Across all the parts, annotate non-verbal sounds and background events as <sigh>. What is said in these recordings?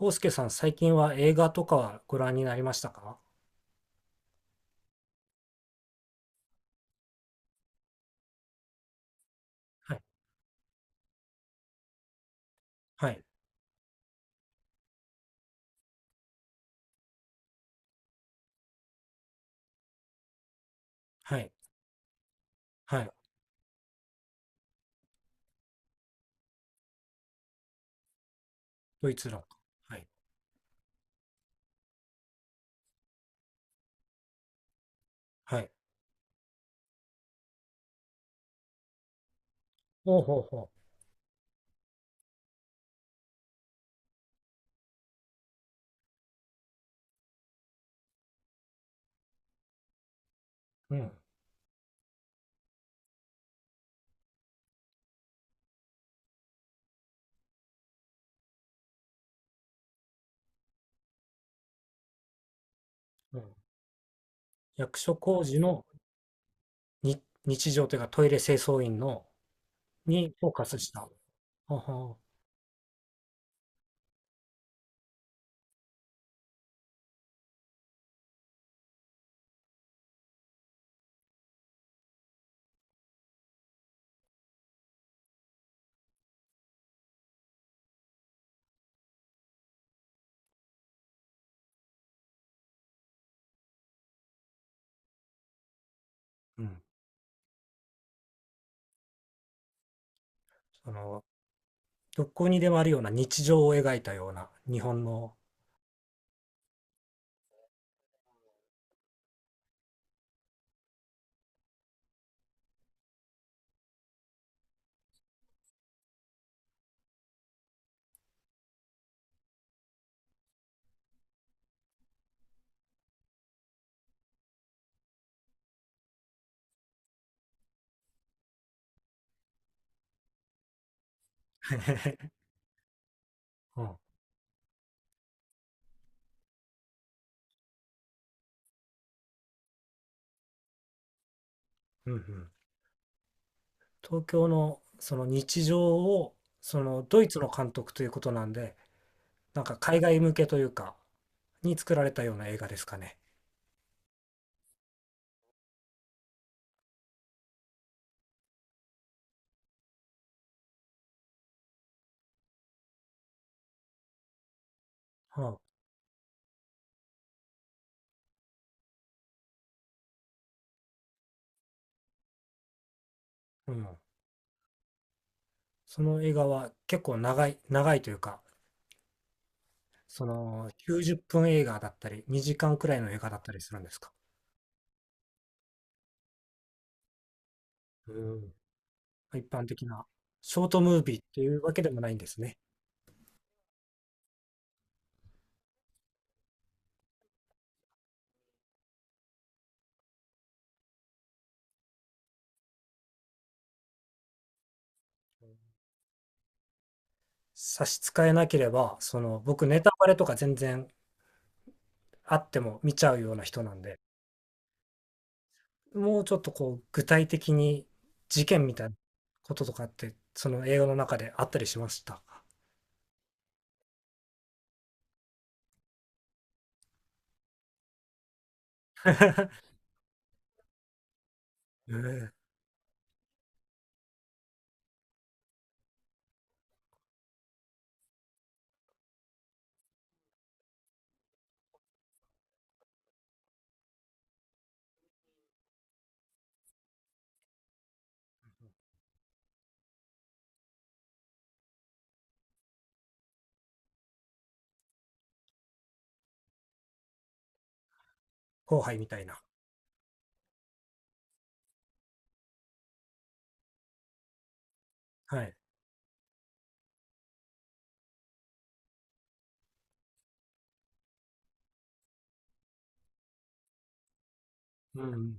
康介さん、最近は映画とかはご覧になりましたか？はい、はい、はい、はい。ドイツの。はい、はい。ほうほうほう。うん、うん。役所工事のに日常というかトイレ清掃員のにフォーカスした。ほうほう。うん。その、どこにでもあるような日常を描いたような日本の。 <laughs> うん、うんうん、東京のその日常を、そのドイツの監督ということなんで、なんか海外向けというかに作られたような映画ですかね。はあ、うん。その映画は結構長い、長いというか、その90分映画だったり、2時間くらいの映画だったりするんですか。うん。一般的なショートムービーっていうわけでもないんですね。差し支えなければ、その僕ネタバレとか全然あっても見ちゃうような人なんで、もうちょっとこう具体的に事件みたいなこととかって、その映画の中であったりしましたか。ええ、後輩みたいな。はい。うん。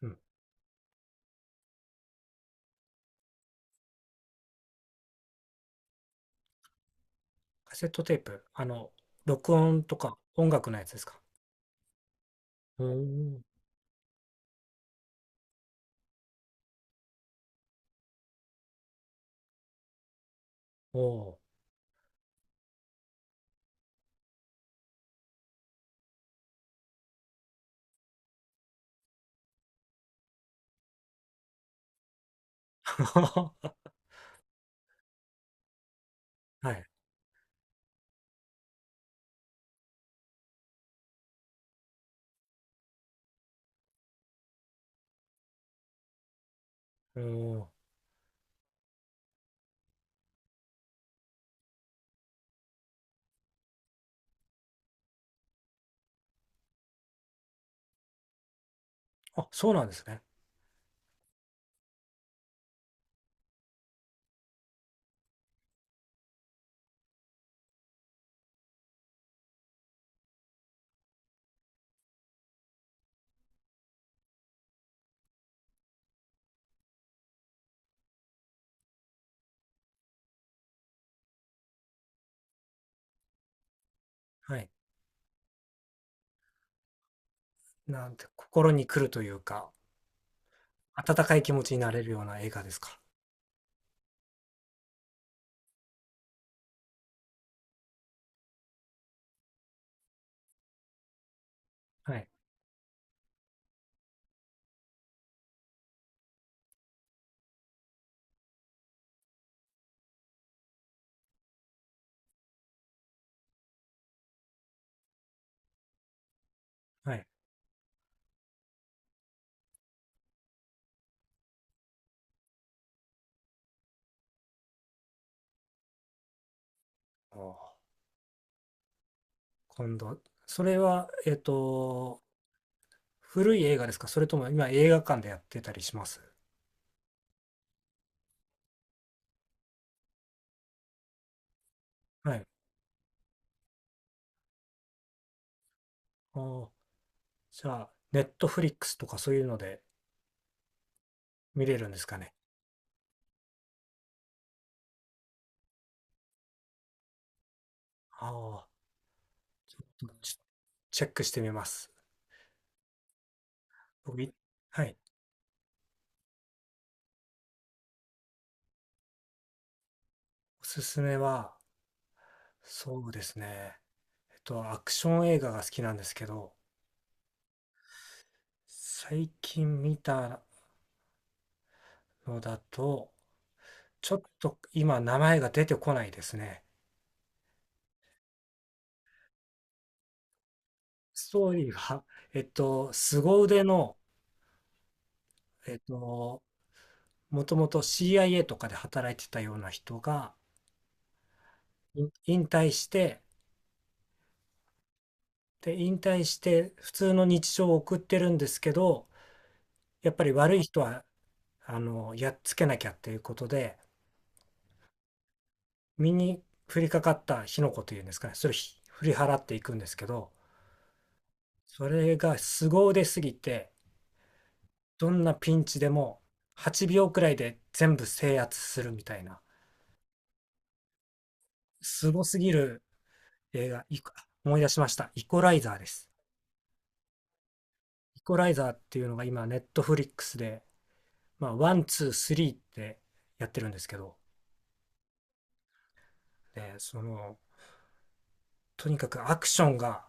うん。カセットテープ、あの、録音とか音楽のやつですか？おー、おー。<laughs> お、はい。お、お。あ、そうなんですね。はい。なんて心に来るというか、温かい気持ちになれるような映画ですか？はい、はい。おー、今度それは、古い映画ですか？それとも今映画館でやってたりします？はい。おー、じゃあ、ネットフリックスとかそういうので見れるんですかね？ああ、ちょチェックしてみます。僕い、はい。おすすめは、そうですね。アクション映画が好きなんですけど、最近見たのだと、ちょっと今名前が出てこないですね。ストーリーが、<laughs> 凄腕の、えっと、もともと CIA とかで働いてたような人が、引退して、で、引退して普通の日常を送ってるんですけど、やっぱり悪い人は、あの、やっつけなきゃっていうことで、身に降りかかった火の粉というんですかね、それを振り払っていくんですけど、それが凄腕すぎて、どんなピンチでも8秒くらいで全部制圧するみたいな、凄すぎる映画、思い出しました。イコライザーです。イコライザーっていうのが今、ネットフリックスで、まあ、ワン、ツー、スリーってやってるんですけど、で、その、とにかくアクションが、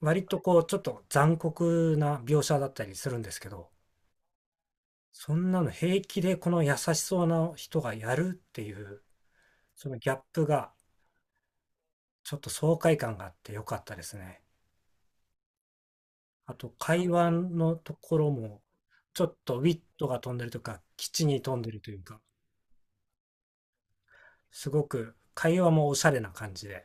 割とこう、ちょっと残酷な描写だったりするんですけど、そんなの平気でこの優しそうな人がやるっていう、そのギャップがちょっと爽快感があって良かったですね。あと会話のところも、ちょっとウィットが飛んでるとか、基地に飛んでるというか、すごく会話もおしゃれな感じで、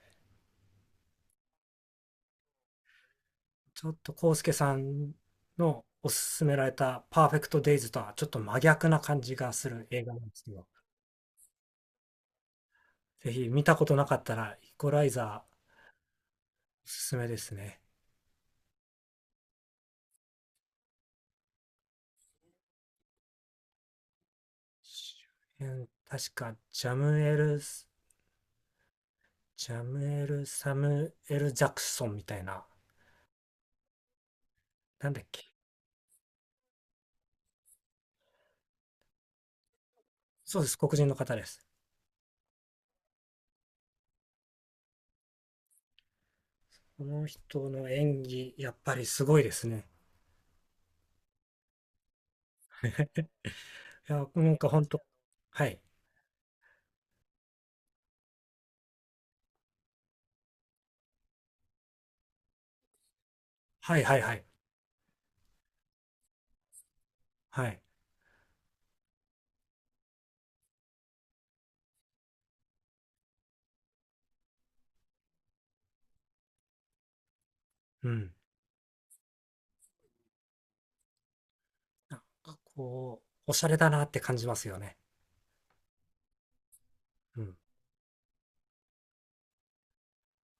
ちょっとコウスケさんのおすすめられたパーフェクトデイズとはちょっと真逆な感じがする映画なんですけど、ぜひ見たことなかったらイコライザーおすすめですね。周辺確か、ジャムエルス、ジャムエル・サムエル・ジャクソンみたいな、なんだっけ。そうです、黒人の方です。この人の演技、やっぱりすごいですね。いや、なんか本当、はい。はいはいはい。はい。うん。なんかこう、おしゃれだなって感じますよね。うん。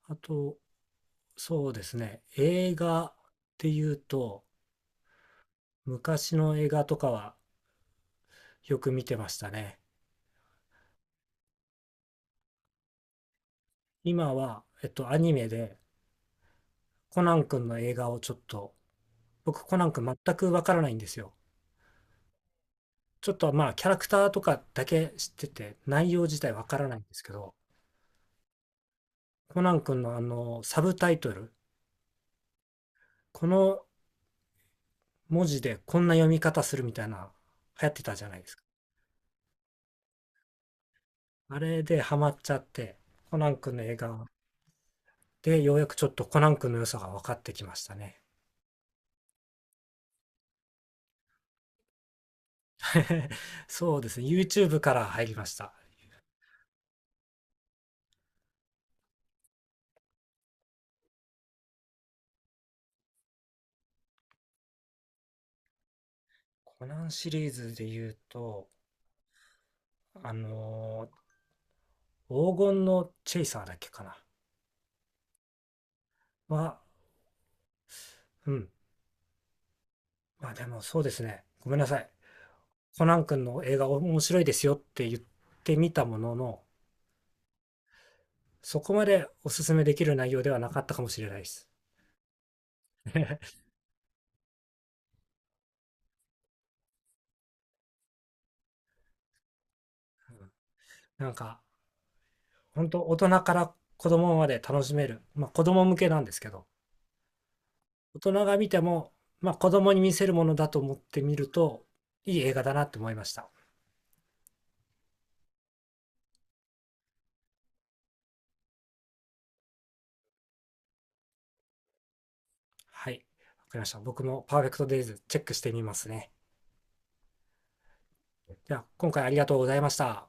あと、そうですね。映画っていうと、昔の映画とかはよく見てましたね。今は、アニメで、コナン君の映画をちょっと、僕コナン君全くわからないんですよ。ちょっとまあキャラクターとかだけ知ってて内容自体わからないんですけど、コナン君のあのサブタイトル、この文字でこんな読み方するみたいな流行ってたじゃないですか。あれでハマっちゃって、コナン君の映画でようやくちょっとコナン君の良さが分かってきましたね。<laughs> そうですね、YouTube から入りました。コナンシリーズで言うと、あの黄金のチェイサーだっけかな。は、うん。まあでもそうですね。ごめんなさい。コナン君の映画面白いですよって言ってみたものの、そこまでおすすめできる内容ではなかったかもしれないです。<laughs> なんか、本当大人から子供まで楽しめる。まあ子供向けなんですけど、大人が見ても、まあ子供に見せるものだと思ってみると、いい映画だなって思いました。はい。わかりました。僕もパーフェクトデイズチェックしてみますね。では、今回ありがとうございました。